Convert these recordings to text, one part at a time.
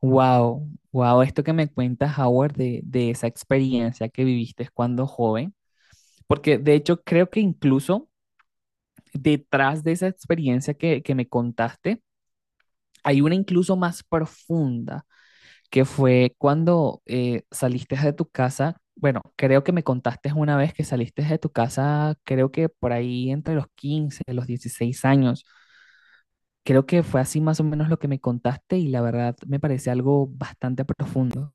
Wow, wow, esto que me cuentas, Howard, de esa experiencia que viviste cuando joven, porque de hecho creo que incluso detrás de esa experiencia que me contaste, hay una incluso más profunda, que fue cuando saliste de tu casa. Bueno, creo que me contaste una vez que saliste de tu casa, creo que por ahí entre los 15, los 16 años, creo que fue así más o menos lo que me contaste y la verdad me parece algo bastante profundo.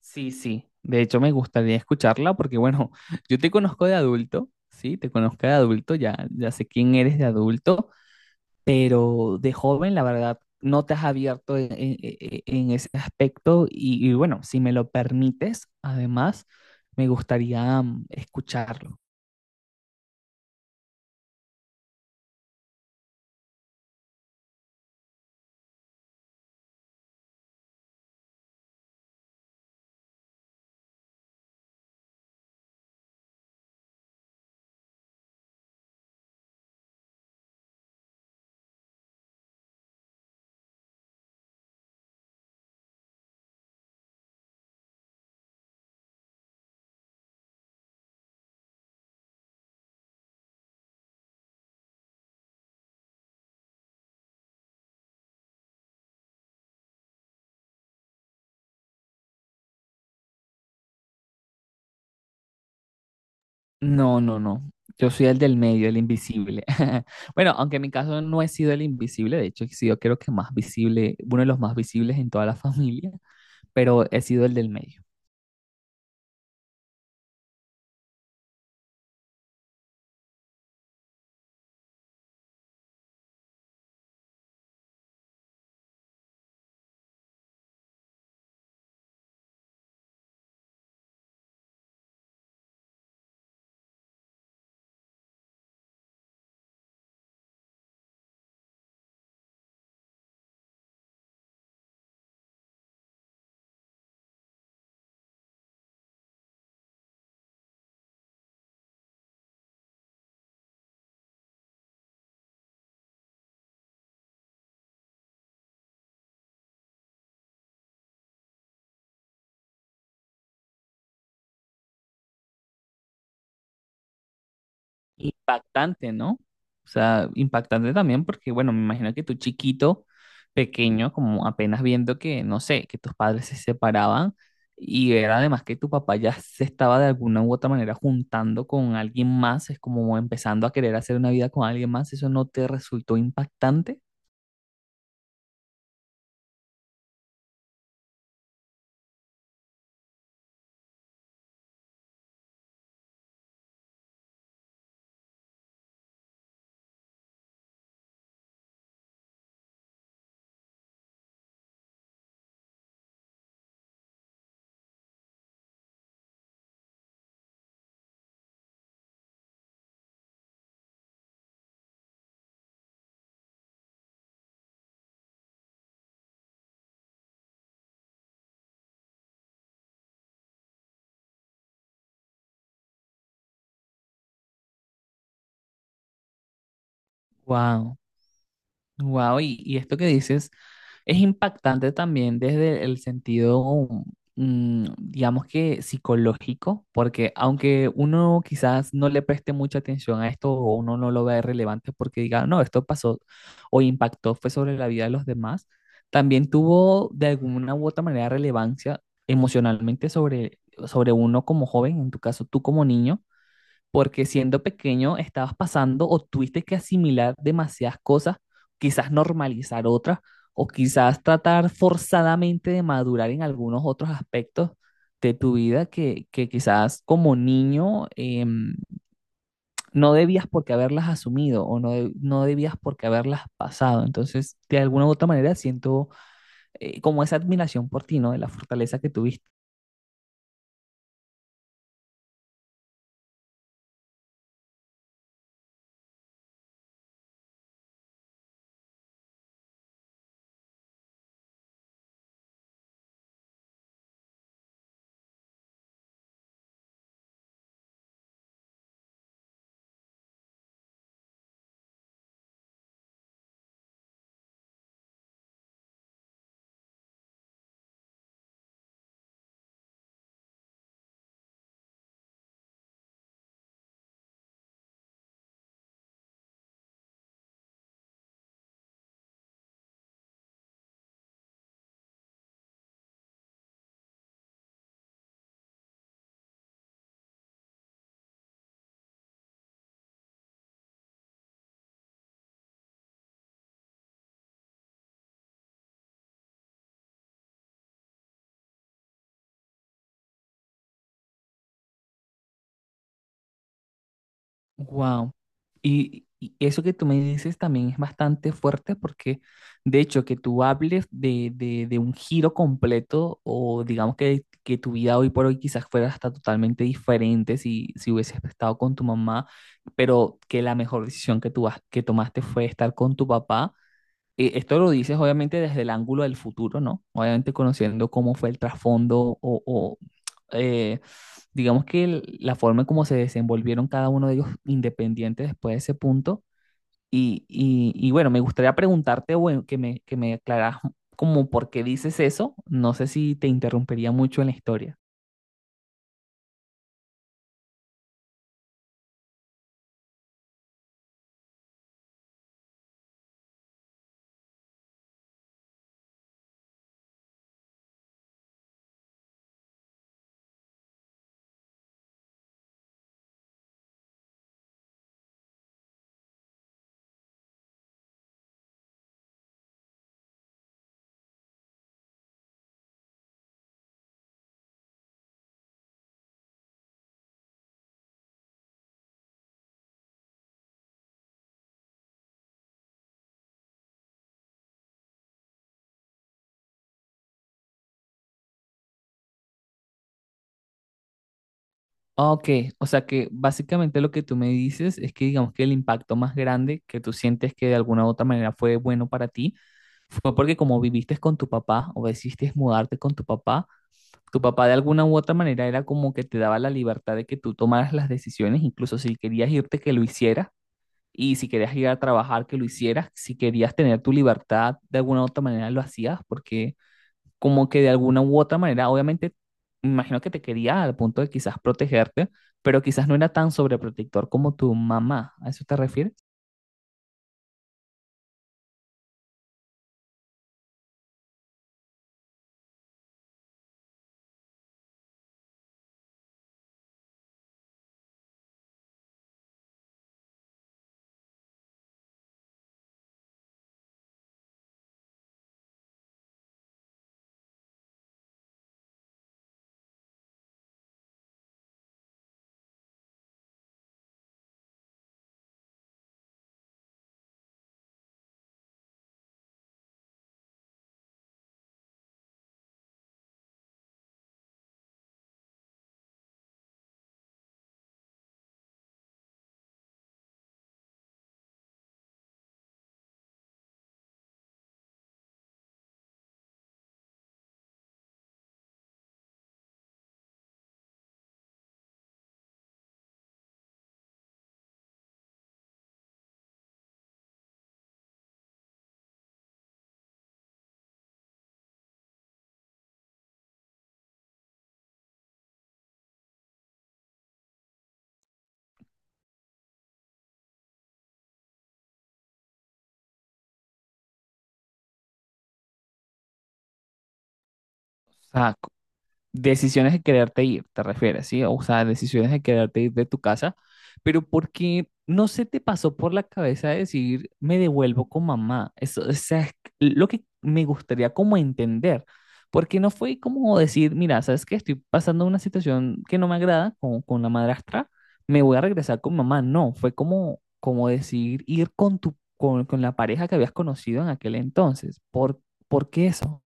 Sí, sí. De hecho, me gustaría escucharla porque, bueno, yo te conozco de adulto, ¿sí? Te conozco de adulto, ya, ya sé quién eres de adulto, pero de joven, la verdad, no te has abierto en ese aspecto y, bueno, si me lo permites, además, me gustaría escucharlo. No, no, no. Yo soy el del medio, el invisible. Bueno, aunque en mi caso no he sido el invisible, de hecho, he sido creo que más visible, uno de los más visibles en toda la familia, pero he sido el del medio. Impactante, ¿no? O sea, impactante también porque, bueno, me imagino que tú chiquito, pequeño, como apenas viendo que, no sé, que tus padres se separaban y era además que tu papá ya se estaba de alguna u otra manera juntando con alguien más, es como empezando a querer hacer una vida con alguien más. ¿Eso no te resultó impactante? Wow. Wow, y esto que dices es impactante también desde el sentido, mm, digamos que psicológico, porque aunque uno quizás no le preste mucha atención a esto o uno no lo vea relevante porque diga, no, esto pasó o impactó, fue sobre la vida de los demás, también tuvo de alguna u otra manera relevancia emocionalmente sobre, sobre uno como joven, en tu caso tú como niño, porque siendo pequeño estabas pasando o tuviste que asimilar demasiadas cosas, quizás normalizar otras, o quizás tratar forzadamente de madurar en algunos otros aspectos de tu vida que quizás como niño no debías por qué haberlas asumido o no, de- no debías por qué haberlas pasado. Entonces, de alguna u otra manera siento como esa admiración por ti, ¿no? De la fortaleza que tuviste. Wow. Y eso que tú me dices también es bastante fuerte porque, de hecho, que tú hables de un giro completo o digamos que tu vida hoy por hoy quizás fuera hasta totalmente diferente si, si hubieses estado con tu mamá, pero que la mejor decisión que tú has- que tomaste fue estar con tu papá, esto lo dices obviamente desde el ángulo del futuro, ¿no? Obviamente conociendo cómo fue el trasfondo o, eh, digamos que el- la forma en cómo se desenvolvieron cada uno de ellos independientes después de ese punto. Y bueno, me gustaría preguntarte, bueno, que me aclaras como por qué dices eso. No sé si te interrumpería mucho en la historia. Ah, ok, o sea que básicamente lo que tú me dices es que digamos que el impacto más grande que tú sientes que de alguna u otra manera fue bueno para ti fue porque como viviste con tu papá o decidiste mudarte con tu papá de alguna u otra manera era como que te daba la libertad de que tú tomaras las decisiones, incluso si querías irte, que lo hicieras, y si querías ir a trabajar, que lo hicieras, si querías tener tu libertad, de alguna u otra manera lo hacías, porque como que de alguna u otra manera, obviamente, me imagino que te quería al punto de quizás protegerte, pero quizás no era tan sobreprotector como tu mamá. ¿A eso te refieres? O sea, decisiones de quererte ir, te refieres, ¿sí? O sea, decisiones de quererte ir de tu casa, pero porque no se te pasó por la cabeza decir, me devuelvo con mamá. Eso, o sea, es lo que me gustaría como entender, porque no fue como decir, mira, sabes que estoy pasando una situación que no me agrada con la madrastra, me voy a regresar con mamá. No, fue como, como decir ir con tu, con la pareja que habías conocido en aquel entonces. Por qué eso?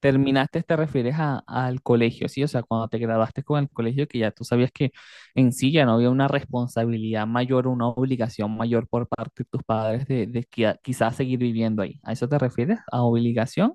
Terminaste, te refieres a- al colegio, ¿sí? O sea, cuando te graduaste con el colegio, que ya tú sabías que en sí ya no había una responsabilidad mayor, una obligación mayor por parte de tus padres de qui- quizás seguir viviendo ahí. ¿A eso te refieres? ¿A obligación?